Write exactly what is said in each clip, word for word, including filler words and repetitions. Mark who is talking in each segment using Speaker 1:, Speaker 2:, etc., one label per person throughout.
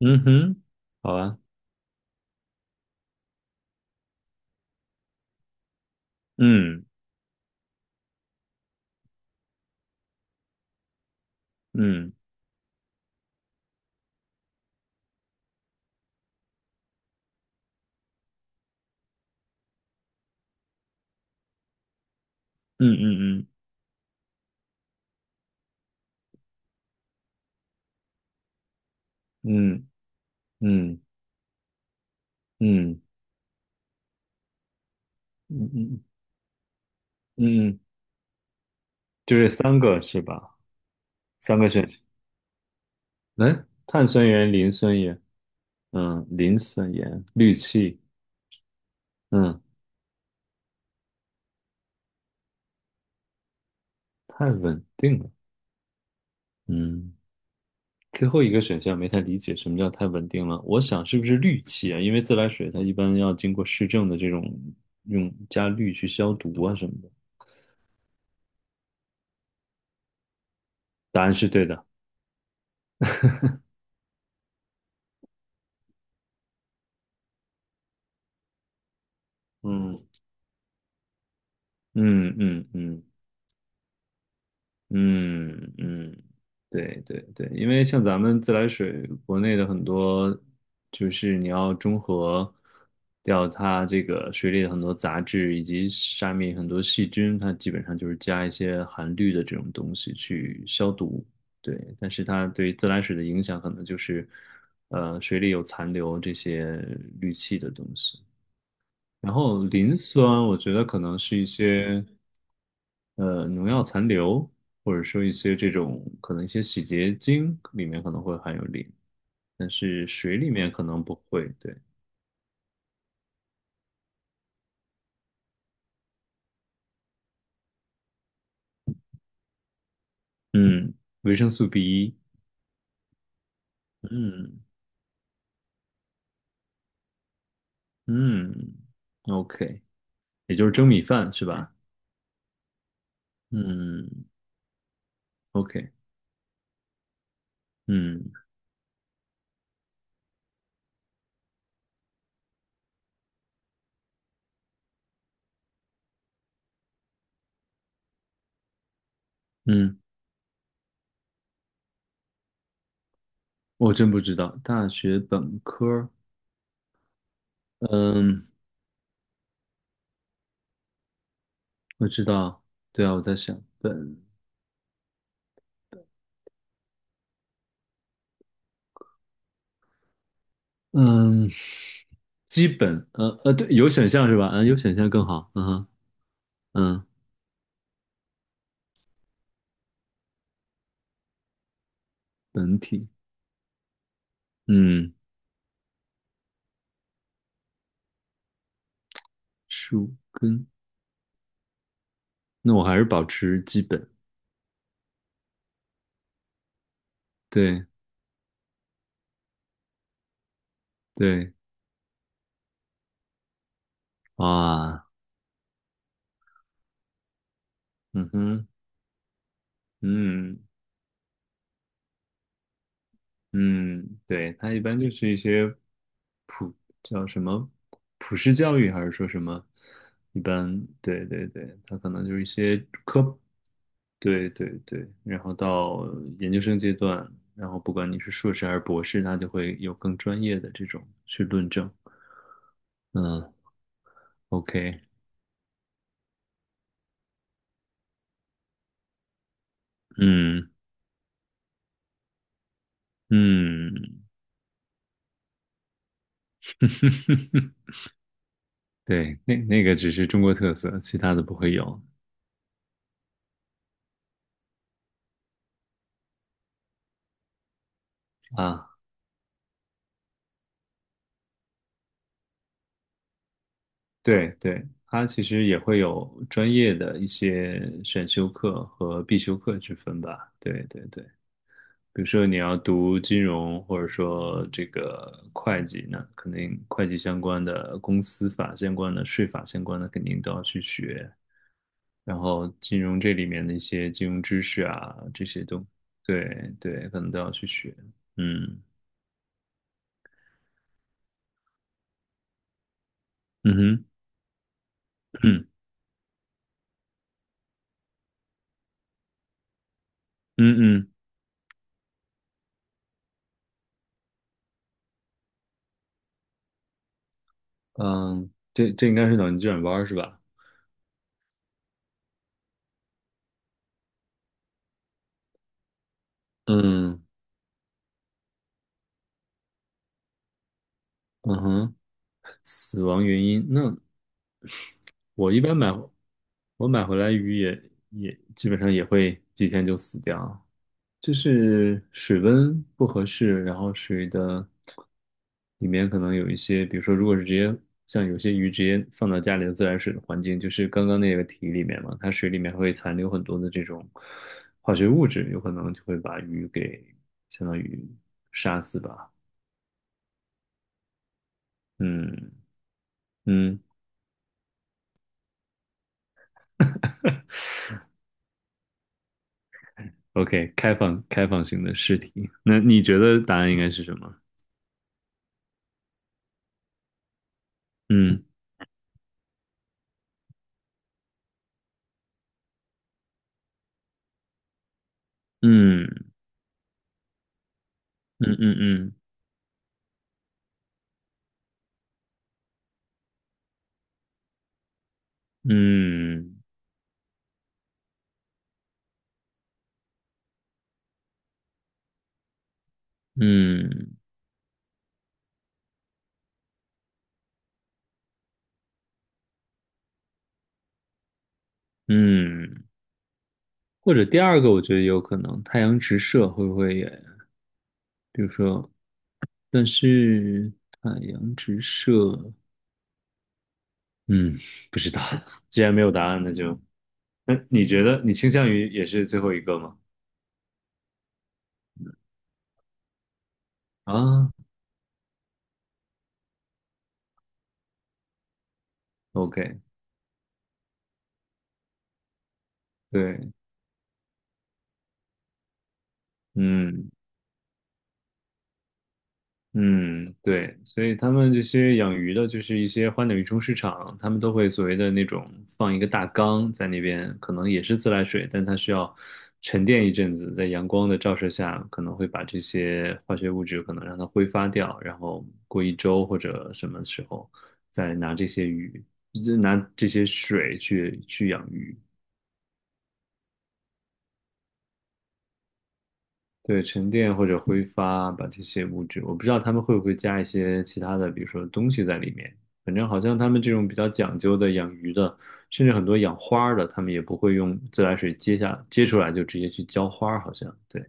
Speaker 1: 嗯哼，好啊，嗯嗯嗯嗯嗯嗯嗯嗯嗯嗯嗯，就这三个是吧？三个选项。哎，碳酸盐、磷酸盐，嗯，磷酸盐、氯气。嗯，太稳定了。嗯，最后一个选项没太理解什么叫太稳定了，我想是不是氯气啊？因为自来水它一般要经过市政的这种用加氯去消毒啊什么的。答案是对的。嗯嗯嗯嗯嗯嗯，对对对，因为像咱们自来水，国内的很多就是你要中和掉它这个水里的很多杂质以及下面很多细菌，它基本上就是加一些含氯的这种东西去消毒。对，但是它对于自来水的影响可能就是，呃，水里有残留这些氯气的东西。然后磷酸，我觉得可能是一些呃农药残留，或者说一些这种可能一些洗洁精里面可能会含有磷，但是水里面可能不会。对。嗯，维生素 b 一。嗯嗯，OK，也就是蒸米饭是吧？嗯，OK。嗯嗯，我真不知道大学本科儿。嗯，我知道。对啊，我在想本，嗯。基本，呃呃，对，有选项是吧？嗯，有选项更好。嗯哼。嗯。本体。嗯。树根。那我还是保持基本。对对。哇。嗯哼。嗯嗯。对，它一般就是一些普叫什么普世教育，还是说什么？一般，对对对，它可能就是一些科。对对对，然后到研究生阶段，然后不管你是硕士还是博士，他就会有更专业的这种去论证。嗯，OK。嗯嗯。对，那那个只是中国特色，其他的不会有啊。对对，它其实也会有专业的一些选修课和必修课之分吧。对对对。比如说你要读金融或者说这个会计，那肯定会计相关的、公司法相关的、税法相关的肯定都要去学。然后金融这里面的一些金融知识啊，这些都对对，可能都要去学。嗯嗯哼嗯嗯嗯嗯，这这应该是脑筋急转弯儿是吧？嗯，嗯哼。死亡原因那我一般买，我买回来鱼也也基本上也会几天就死掉，就是水温不合适，然后水的里面可能有一些，比如说如果是直接像有些鱼直接放到家里的自来水的环境，就是刚刚那个题里面嘛，它水里面会残留很多的这种化学物质，有可能就会把鱼给相当于杀死吧。嗯嗯，OK，开放开放性的试题，那你觉得答案应该是什么？嗯。嗯嗯嗯嗯嗯嗯嗯，或者第二个，我觉得有可能太阳直射会不会也，比如说，但是太阳直射，嗯，不知道，既然没有答案，那就，那你觉得你倾向于也是最后一个吗？啊，OK。对。嗯嗯。对，所以他们这些养鱼的，就是一些花鸟鱼虫市场，他们都会所谓的那种放一个大缸在那边，可能也是自来水，但它需要沉淀一阵子，在阳光的照射下，可能会把这些化学物质可能让它挥发掉，然后过一周或者什么时候再拿这些鱼，就拿这些水去去养鱼。对，沉淀或者挥发，把这些物质，我不知道他们会不会加一些其他的，比如说东西在里面。反正好像他们这种比较讲究的养鱼的，甚至很多养花儿的，他们也不会用自来水接下接出来就直接去浇花儿，好像对，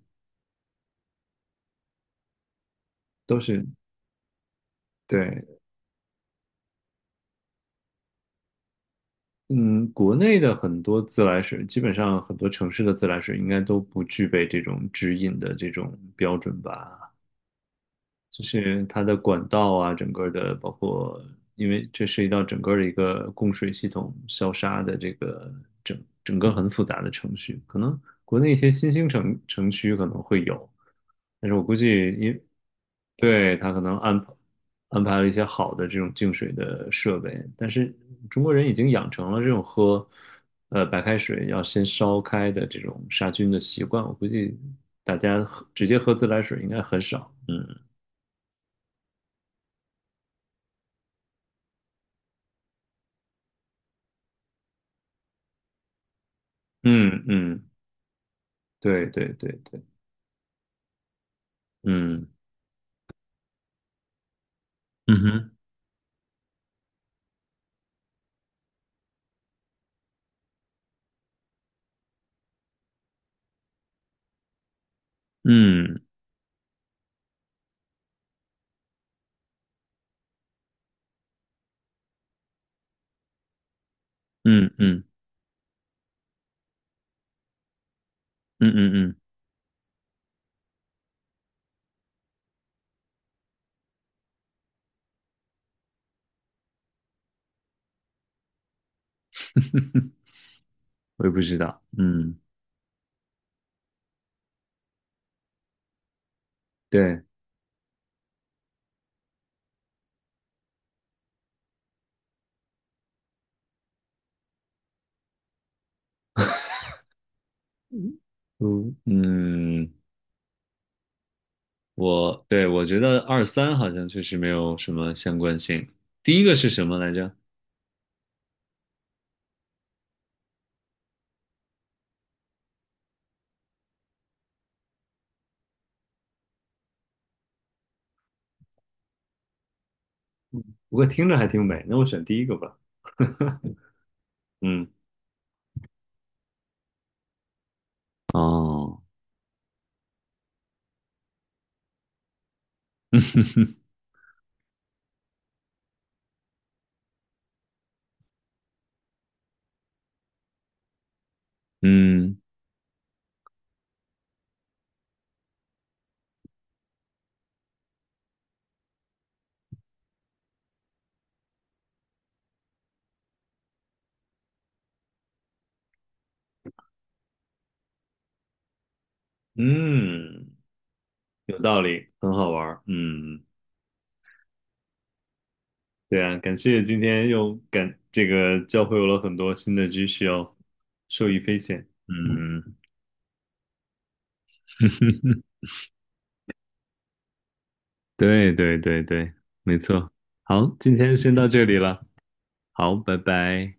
Speaker 1: 都是对。嗯，国内的很多自来水，基本上很多城市的自来水应该都不具备这种直饮的这种标准吧。就是它的管道啊，整个的包括，因为这涉及到整个的一个供水系统消杀的这个整整个很复杂的程序，可能国内一些新兴城城区可能会有，但是我估计因对它可能安安排了一些好的这种净水的设备，但是中国人已经养成了这种喝呃白开水要先烧开的这种杀菌的习惯，我估计大家喝直接喝自来水应该很少。嗯。嗯嗯，对对对对。嗯，嗯哼。嗯嗯嗯嗯嗯嗯，我也不知道，嗯。对。嗯嗯。我对我觉得二三好像确实没有什么相关性。第一个是什么来着？不过听着还挺美，那我选第一个吧。嗯。哦。嗯嗯。有道理，很好玩儿，嗯。对啊，感谢今天又感这个教会我了很多新的知识哦，受益匪浅。嗯。对对对对，没错。好，今天先到这里了。好，拜拜。